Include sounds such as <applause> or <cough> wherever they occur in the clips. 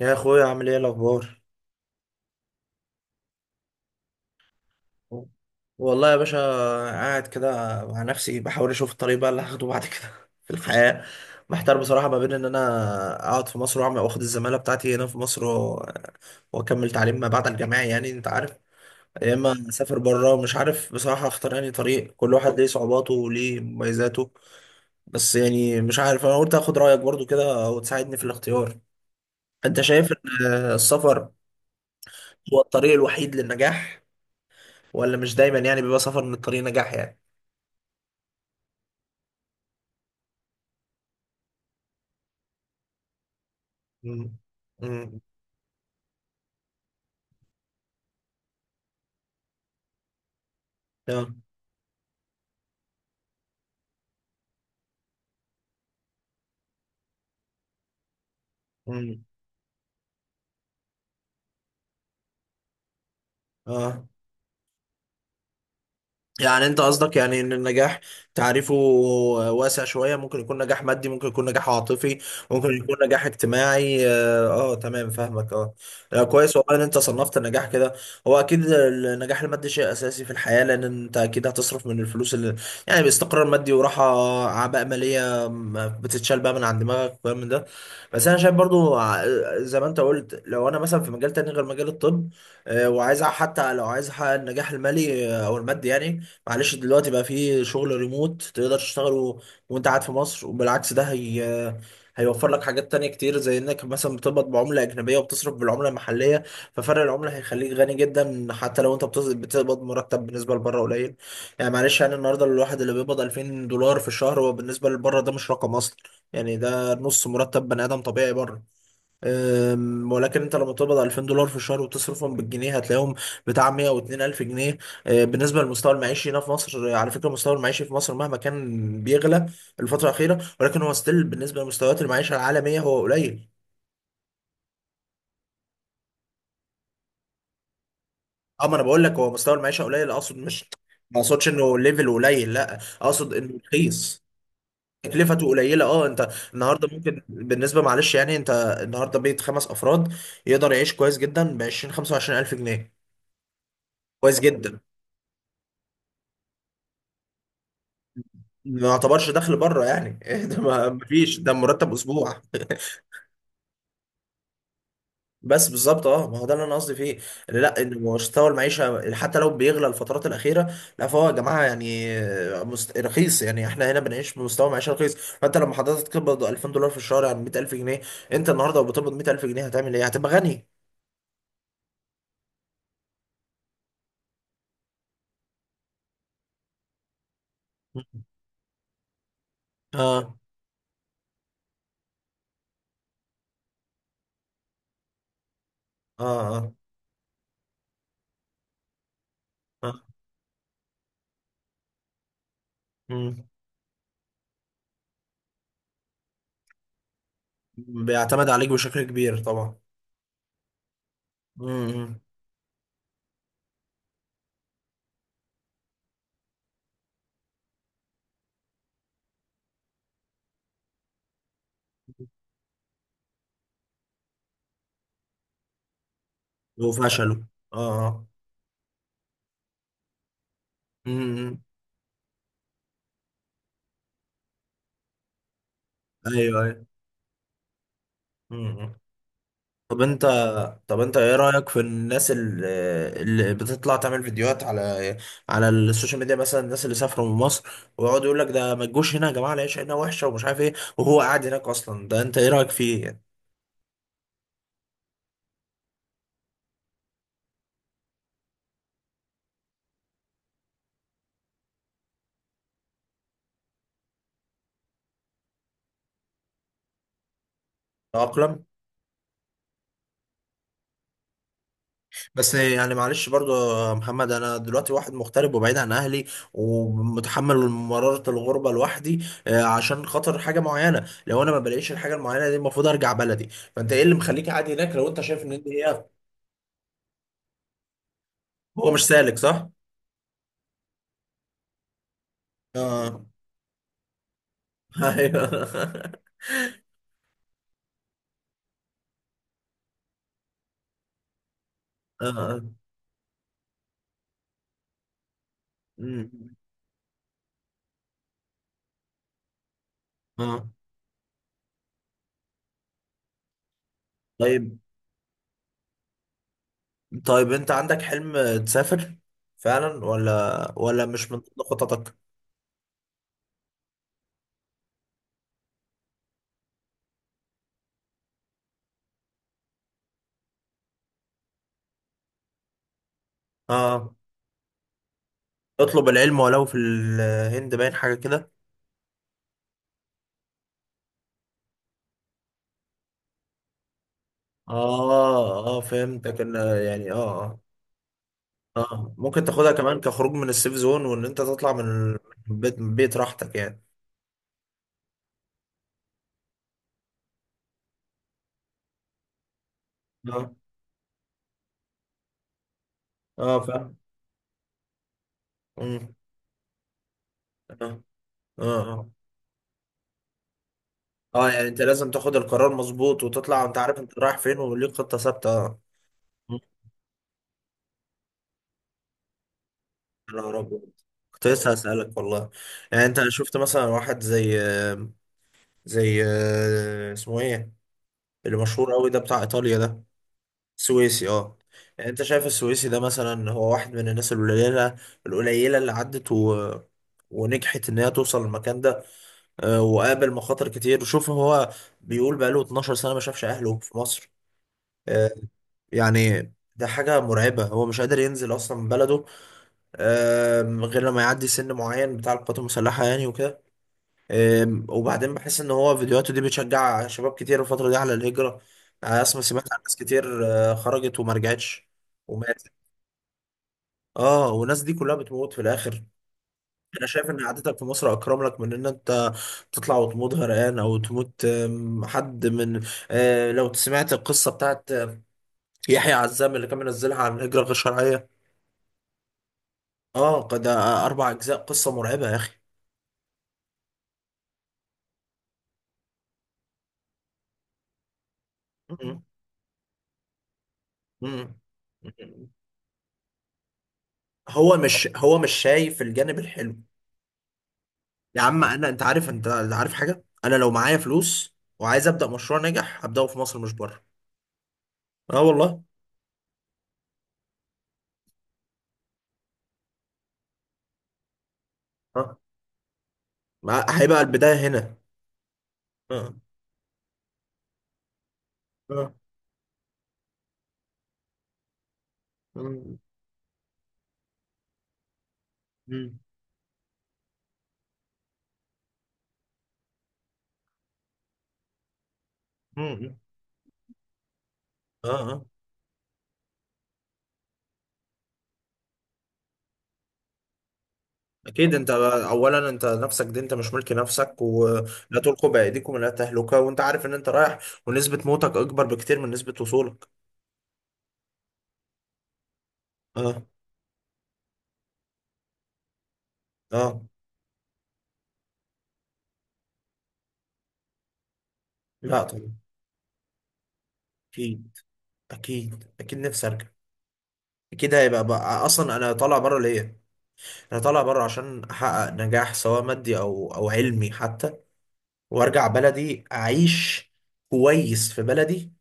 يا اخويا، عامل ايه الاخبار؟ والله يا باشا، قاعد كده مع نفسي بحاول اشوف الطريق بقى اللي هاخده بعد كده <laughs> في الحياه. محتار بصراحه ما بين ان انا اقعد في مصر واعمل واخد الزماله بتاعتي هنا في مصر واكمل تعليم ما بعد الجامعي، يعني انت عارف. يا اما اسافر بره. مش عارف بصراحه اختار انهي طريق. كل واحد ليه صعوباته وليه مميزاته. بس يعني مش عارف، انا قلت اخد رايك برضو كده وتساعدني في الاختيار. انت شايف ان السفر هو الطريق الوحيد للنجاح، ولا مش دايما يعني بيبقى سفر من الطريق نجاح يعني؟ مم. امم. اه. امم. اه. يعني انت قصدك يعني ان النجاح تعريفه واسع شوية، ممكن يكون نجاح مادي، ممكن يكون نجاح عاطفي، ممكن يكون نجاح اجتماعي. اه، آه، تمام، فاهمك. اه. لا، كويس والله ان انت صنفت النجاح كده. هو اكيد النجاح المادي شيء اساسي في الحياة، لان انت اكيد هتصرف من الفلوس اللي يعني باستقرار مادي وراحة، اعباء مالية ما بتتشال بقى من عند دماغك وكلام من ده. بس انا شايف برضو، زي ما انت قلت لو انا مثلا في مجال تاني غير مجال الطب، وعايز حتى لو عايز احقق النجاح المالي، او المادي يعني. معلش دلوقتي بقى في شغل ريموت تقدر تشتغله وانت قاعد في مصر. وبالعكس، ده هي هيوفر لك حاجات تانية كتير، زي انك مثلا بتقبض بعملة أجنبية وبتصرف بالعملة المحلية. ففرق العملة هيخليك غني جدا، حتى لو انت بتقبض مرتب بالنسبة لبره قليل. يعني معلش، يعني النهاردة الواحد اللي بيقبض 2000 دولار في الشهر، هو بالنسبة لبره ده مش رقم أصلا. يعني ده نص مرتب بني آدم طبيعي بره. ولكن انت لما تقبض 2000 دولار في الشهر وتصرفهم بالجنيه هتلاقيهم بتاع 102 الف جنيه. بالنسبه للمستوى المعيشي هنا في مصر. على فكره المستوى المعيشي في مصر مهما كان بيغلى الفتره الاخيره، ولكن هو ستيل بالنسبه لمستويات المعيشه العالميه هو قليل. اه، ما انا بقول لك هو مستوى المعيشه قليل، اقصد مش. ما اقصدش انه ليفل قليل، لا، اقصد انه رخيص. تكلفته قليله، اه. انت النهارده ممكن بالنسبه، معلش يعني انت، النهارده بيت خمس افراد يقدر يعيش كويس جدا ب 20 25 الف جنيه. كويس جدا. ما يعتبرش دخل بره يعني. <laughs> ده ما فيش، ده مرتب اسبوع. <laughs> بس بالظبط، اه، ما هو ده اللي انا قصدي فيه. اللي لا، ان مستوى المعيشه حتى لو بيغلى الفترات الاخيره، لا، فهو يا جماعه يعني رخيص، يعني احنا هنا بنعيش بمستوى معيشه رخيص. فانت لما حضرتك تقبض 2000 دولار في الشهر يعني 100,000 جنيه. انت النهارده لو بتقبض 100,000 جنيه هتعمل ايه؟ هتبقى غني. <laughs> اه، اه، اه، آه. مم. بيعتمد عليك بشكل كبير طبعا. مم. وفشله. اه، اه. مم. ايوه، ايوه. مم. طب انت طب انت ايه رأيك في الناس اللي بتطلع تعمل فيديوهات على السوشيال ميديا، مثلا الناس اللي سافروا من مصر ويقعدوا يقول لك ده ما تجوش هنا يا جماعة، العيشة هنا وحشة ومش عارف ايه، وهو قاعد هناك اصلا. ده انت ايه رأيك فيه يعني؟ تأقلم. بس يعني معلش برضو، يا محمد، انا دلوقتي واحد مغترب وبعيد عن اهلي، ومتحمل مرارة الغربة لوحدي، عشان خاطر حاجة معينة. لو انا ما بلاقيش الحاجة المعينة دي المفروض ارجع بلدي. فانت ايه اللي مخليك قاعد هناك لو انت شايف ان دي هي. هو مش سالك صح. اه، ايوه. <laughs> اه. اه. أمم. آه. طيب، طيب، انت عندك حلم تسافر فعلا ولا مش من ضمن خططك؟ اه. اطلب العلم ولو في الهند، باين حاجة كده. اه، اه، فهمتك ان، يعني اه، اه، اه، ممكن تاخدها كمان كخروج من السيف زون، وان انت تطلع من البيت، من بيت راحتك يعني. اه، اه، فاهم. أمم. اه، اه. آه. اه، يعني انت لازم تاخد القرار مظبوط وتطلع وانت عارف انت رايح فين وليك خطة ثابتة، اه. مم. يا نهار أبيض. كنت لسه هسألك والله. يعني انت شفت مثلا واحد زي اسمه ايه، اللي مشهور قوي ده بتاع ايطاليا ده. سويسي، اه. يعني انت شايف السويسي ده، مثلا هو واحد من الناس القليلة، اللي عدت و ونجحت ان هي توصل للمكان ده، وقابل مخاطر كتير. وشوف هو بيقول بقاله 12 سنة ما شافش اهله في مصر. اه. يعني ده حاجة مرعبة، هو مش قادر ينزل أصلا من بلده، غير لما يعدي سن معين بتاع القوات المسلحة يعني وكده. وبعدين بحس إن هو فيديوهاته دي بتشجع شباب كتير الفترة دي على الهجرة. يعني أنا سمعت عن ناس كتير خرجت وما رجعتش وماتت. اه، والناس دي كلها بتموت في الآخر. أنا شايف إن قعدتك في مصر أكرم لك من إن أنت تطلع وتموت غرقان أو تموت، حد من، لو سمعت القصة بتاعت يحيى عزام اللي كان منزلها عن الهجرة الغير شرعية. اه، ده اربع اجزاء، قصه مرعبه يا اخي. مم. مم. هو مش شايف الجانب الحلو. يا عم، انت عارف حاجه، انا لو معايا فلوس وعايز ابدا مشروع ناجح هبداه في مصر مش بره. اه والله. اه، هيبقى البدايه هنا. اه، اه. مم. مم. مم. اه، اه. اكيد، انت اولا انت نفسك دي، انت مش ملك نفسك، ولا تلقوا بايديكم الى التهلكه، وانت عارف ان انت رايح، ونسبه موتك اكبر بكتير من نسبه وصولك. اه، اه. لا، طبعا. اكيد. اكيد، اكيد نفسي ارجع. اكيد هيبقى بقى، اصلا انا طالع بره ليه؟ انا طالع بره عشان احقق نجاح سواء مادي او علمي حتى، وارجع بلدي اعيش كويس في بلدي،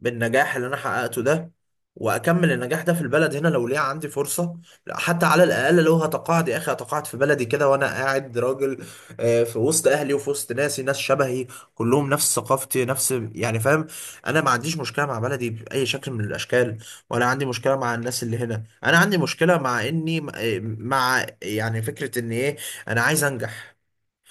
بالنجاح اللي انا حققته ده، واكمل النجاح ده في البلد هنا لو ليا عندي فرصه. لا، حتى على الاقل لو هتقاعد يا اخي هتقاعد في بلدي كده، وانا قاعد راجل، في وسط اهلي وفي وسط ناسي، ناس شبهي، كلهم نفس ثقافتي، نفس يعني، فاهم. انا ما عنديش مشكله مع بلدي باي شكل من الاشكال، ولا عندي مشكله مع الناس اللي هنا. انا عندي مشكله مع اني، مع يعني فكره ان ايه، انا عايز انجح.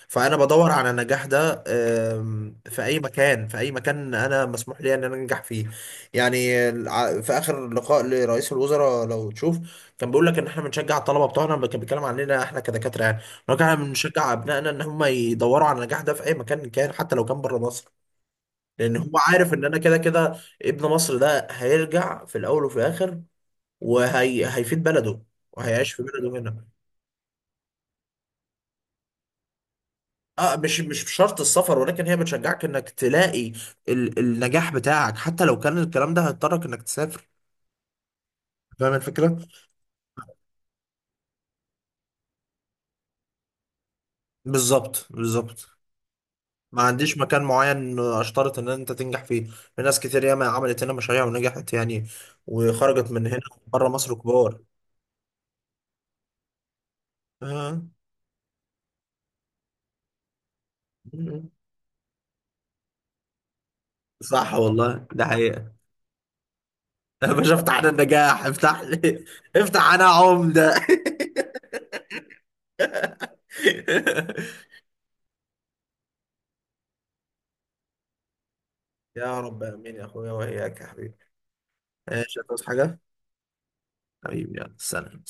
فانا بدور على النجاح ده، في اي مكان، في اي مكان انا مسموح لي ان انا انجح فيه. يعني في اخر لقاء لرئيس الوزراء لو تشوف، كان بيقول لك ان احنا بنشجع الطلبه بتوعنا، كان بيتكلم عننا احنا كدكاتره، يعني إن هو كان بنشجع ابنائنا ان هم يدوروا على النجاح ده في اي مكان كان، حتى لو كان بره مصر. لان هو عارف ان انا كده كده ابن مصر، ده هيرجع في الاول وفي الاخر، وهي هيفيد بلده وهيعيش في بلده هنا. اه، مش بشرط السفر، ولكن هي بتشجعك انك تلاقي النجاح بتاعك، حتى لو كان الكلام ده هيضطرك انك تسافر. فاهم الفكرة؟ بالظبط، بالظبط. ما عنديش مكان معين اشترط ان انت تنجح فيه. في ناس كتير ياما عملت هنا مشاريع ونجحت يعني، وخرجت من هنا بره مصر كبار. آه. صح والله، ده حقيقة. <laughs> يا باشا افتح لنا النجاح، افتح لي، افتح، انا عمدة. <laughs> يا رب امين يا اخويا، واياك يا حبيبي. ايش هتعوز حاجة؟ حبيبي، يلا سلام.